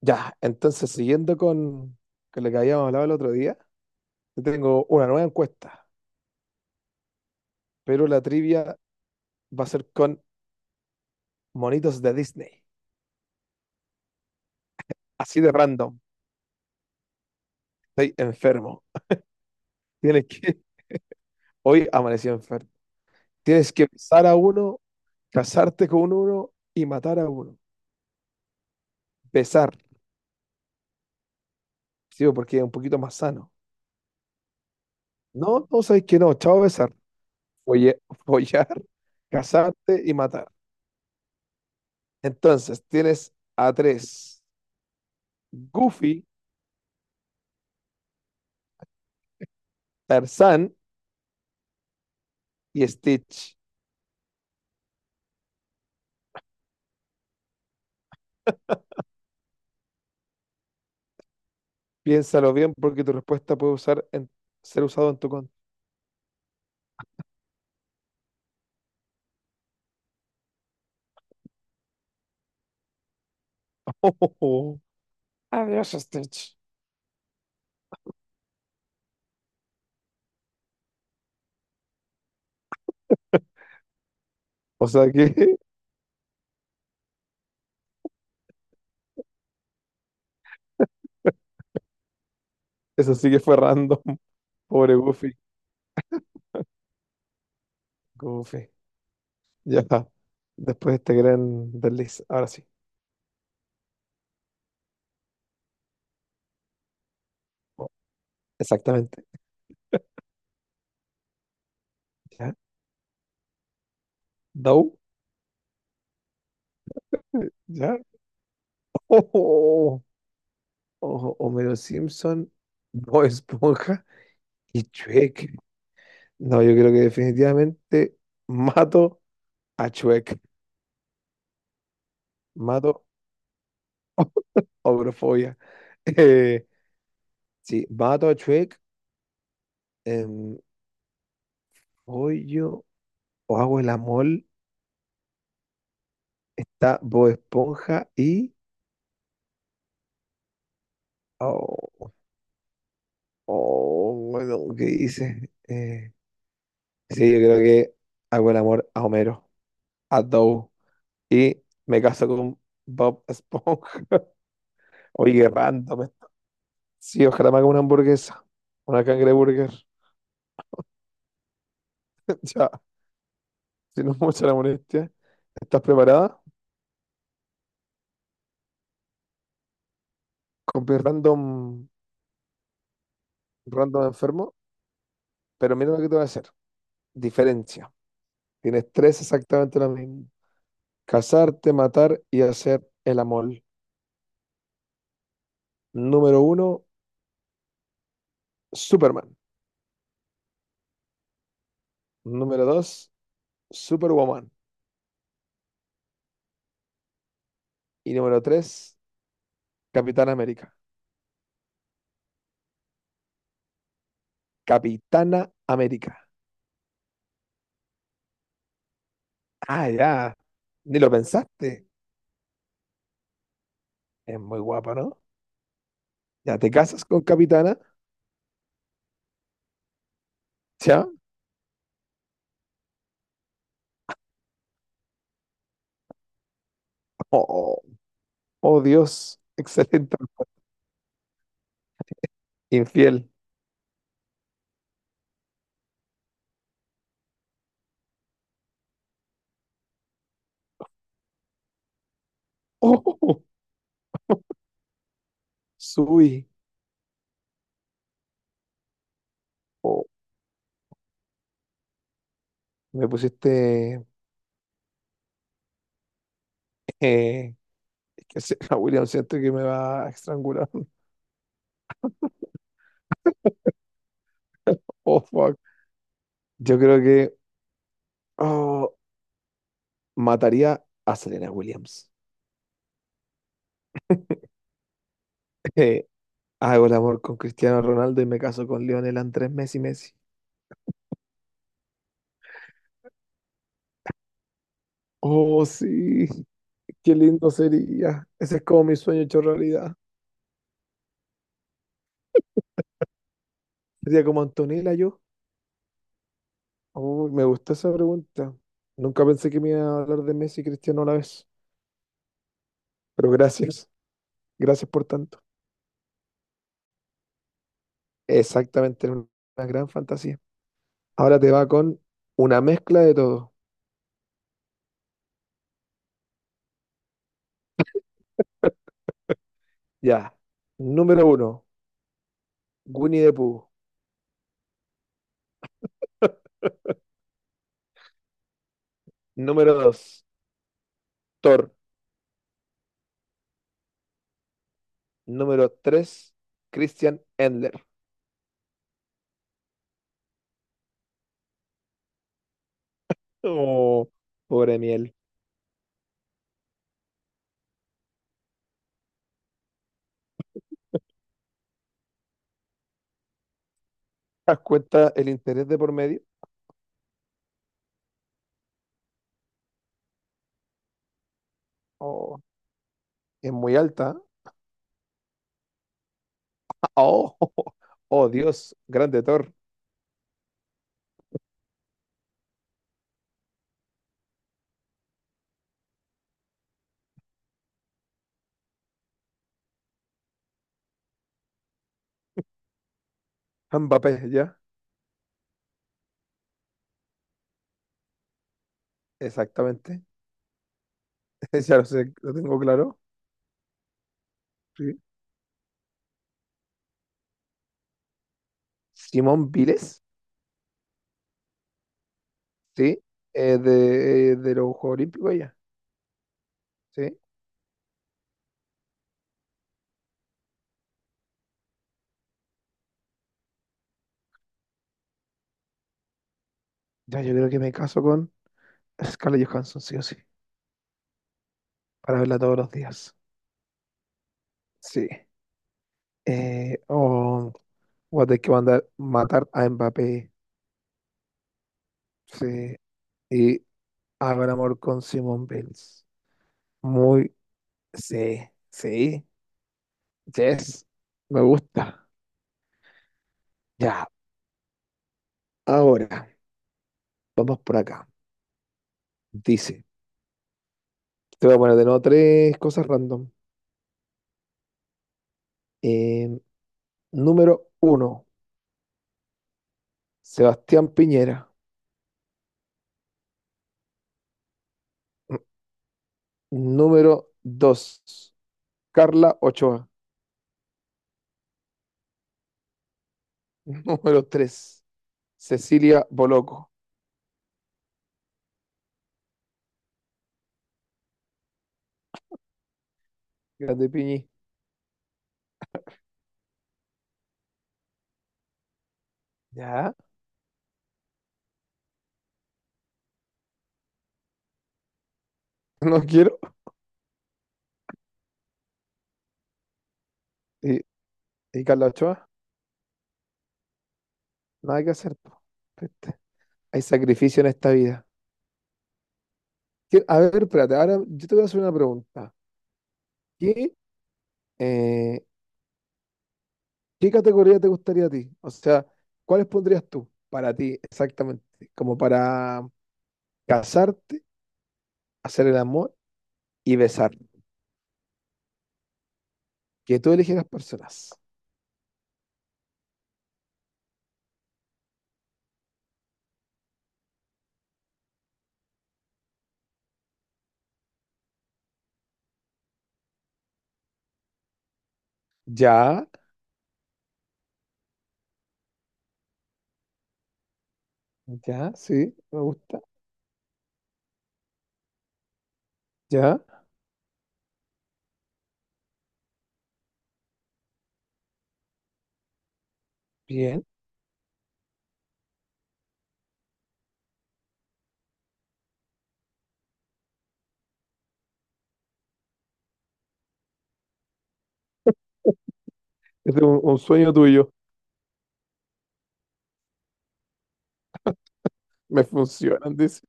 Ya, entonces siguiendo con lo que habíamos hablado el otro día, yo tengo una nueva encuesta, pero la trivia va a ser con monitos de Disney. Así de random. Estoy enfermo. Tienes que, hoy amanecí enfermo. Tienes que besar a uno, casarte con uno y matar a uno. Besar, sí, porque es un poquito más sano. No, no sabes que no. Chao, besar. Folle- follar, casarte y matar. Entonces, tienes a tres. Goofy, Tarzán y Stitch. Piénsalo bien porque tu respuesta ser usado en tu contra. Adiós, Stitch. O sea que eso sí que fue random. Pobre Goofy. Goofy. Ya. Después de este gran desliz. Ahora sí. Exactamente. ¿Ya? ¿Dow? ¿Ya? Ojo, ojo, Homero Simpson, Bob Esponja y Shrek. No, yo creo que definitivamente mato a Shrek. Mato a Obrofobia. Eh, sí, mato a Shrek. Em, hoy yo o hago el amor, está Bob Esponja y... Oh, oh, bueno, ¿qué dice? Sí, yo creo que hago el amor a Homero, a Dow y me caso con Bob Esponja. Oye, qué random esto. Sí, ojalá me haga una hamburguesa, una cangreburger. Ya, si no es mucha la molestia. ¿Estás preparada? Con mi random, random enfermo. Pero mira lo que te voy a hacer. Diferencia. Tienes tres exactamente lo mismo. Casarte, matar y hacer el amor. Número uno, Superman. Número dos, Superwoman. Y número tres, Capitán América. Capitana América. Ah, ya. Ni lo pensaste. Es muy guapa, ¿no? Ya te casas con Capitana. Ya. Oh, oh, Dios. Excelente. Infiel. Oh, subí. Oh, me pusiste. eh, William, siento que me va a estrangular. Oh, fuck. Yo creo que, oh, mataría a Serena Williams. Eh, hago el amor con Cristiano Ronaldo y me caso con Lionel Andrés Messi. Oh, sí, qué lindo sería. Ese es como mi sueño hecho realidad. Sería como Antonella yo. Uy, me gustó esa pregunta. Nunca pensé que me iba a hablar de Messi y Cristiano a la vez. Pero gracias. Gracias por tanto. Exactamente, era una gran fantasía. Ahora te va con una mezcla de todo. Ya. Número uno, Winnie the Pooh. Número dos, Thor. Número tres, Christian Endler. Oh, pobre miel. ¿Te das cuenta el interés de por medio? Oh, es muy alta, ¿eh? Oh, oh, Dios, grande Thor. Mbappé, ya, exactamente. Ya lo sé, lo tengo claro. Sí. Simón Viles, sí, de los Juegos Olímpicos, ya. Sí. Ya, yo creo que me caso con Scarlett Johansson, sí o sí, para verla todos los días. Sí. Eh, oh, voy a tener que mandar matar a Mbappé. Sí. Y hago el amor con Simone Bills. Muy, sí, sí, yes, me gusta. Ya, ahora, vamos por acá. Dice, te voy a poner de nuevo tres cosas random. Eh, número uno, Sebastián Piñera. Mm, número dos, Carla Ochoa. Número tres, Cecilia Boloco. Grande Piñi. Ya, no quiero. Y, y Carla Ochoa, nada que hacer, po. Viste, hay sacrificio en esta vida. A ver, espérate, ahora yo te voy a hacer una pregunta. ¿Qué, eh, qué categoría te gustaría a ti? O sea, ¿cuáles pondrías tú para ti exactamente? Como para casarte, hacer el amor y besar. Que tú eligieras personas. Ya, ya, sí, me gusta. Ya, bien. Este es un sueño tuyo. Me funcionan, dice.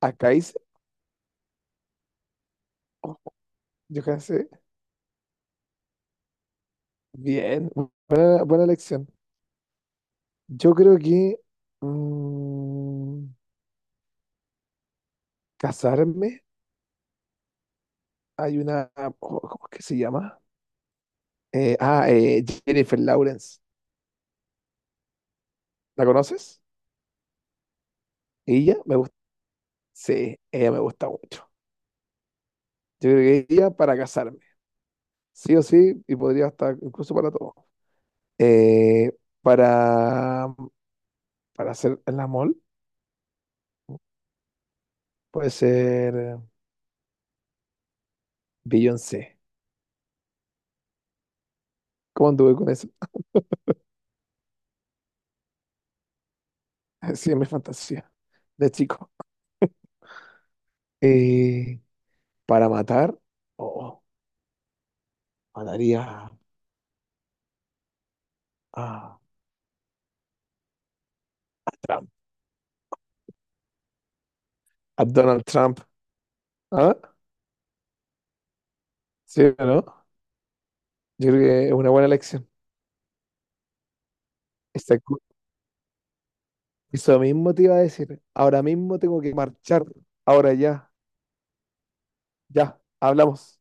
Acá hice, oh, yo cansé. Bien, buena, buena elección. Yo creo que, mm, casarme. Hay una, ¿cómo es que se llama? Jennifer Lawrence. ¿La conoces? Ella me gusta. Sí, ella me gusta mucho. Yo creo que ella para casarme. Sí o sí, y podría estar incluso para todo. Eh, para, para hacer el amor, puede ser Beyoncé. ¿Cómo anduve con eso? Sí, es mi fantasía de chico. Eh, para matar, oh, mataría a Trump, a Donald Trump. ¿Ah? ¿Sí o no? Yo creo que es una buena elección. Exacto. Eso mismo te iba a decir. Ahora mismo tengo que marchar. Ahora ya, ya, hablamos.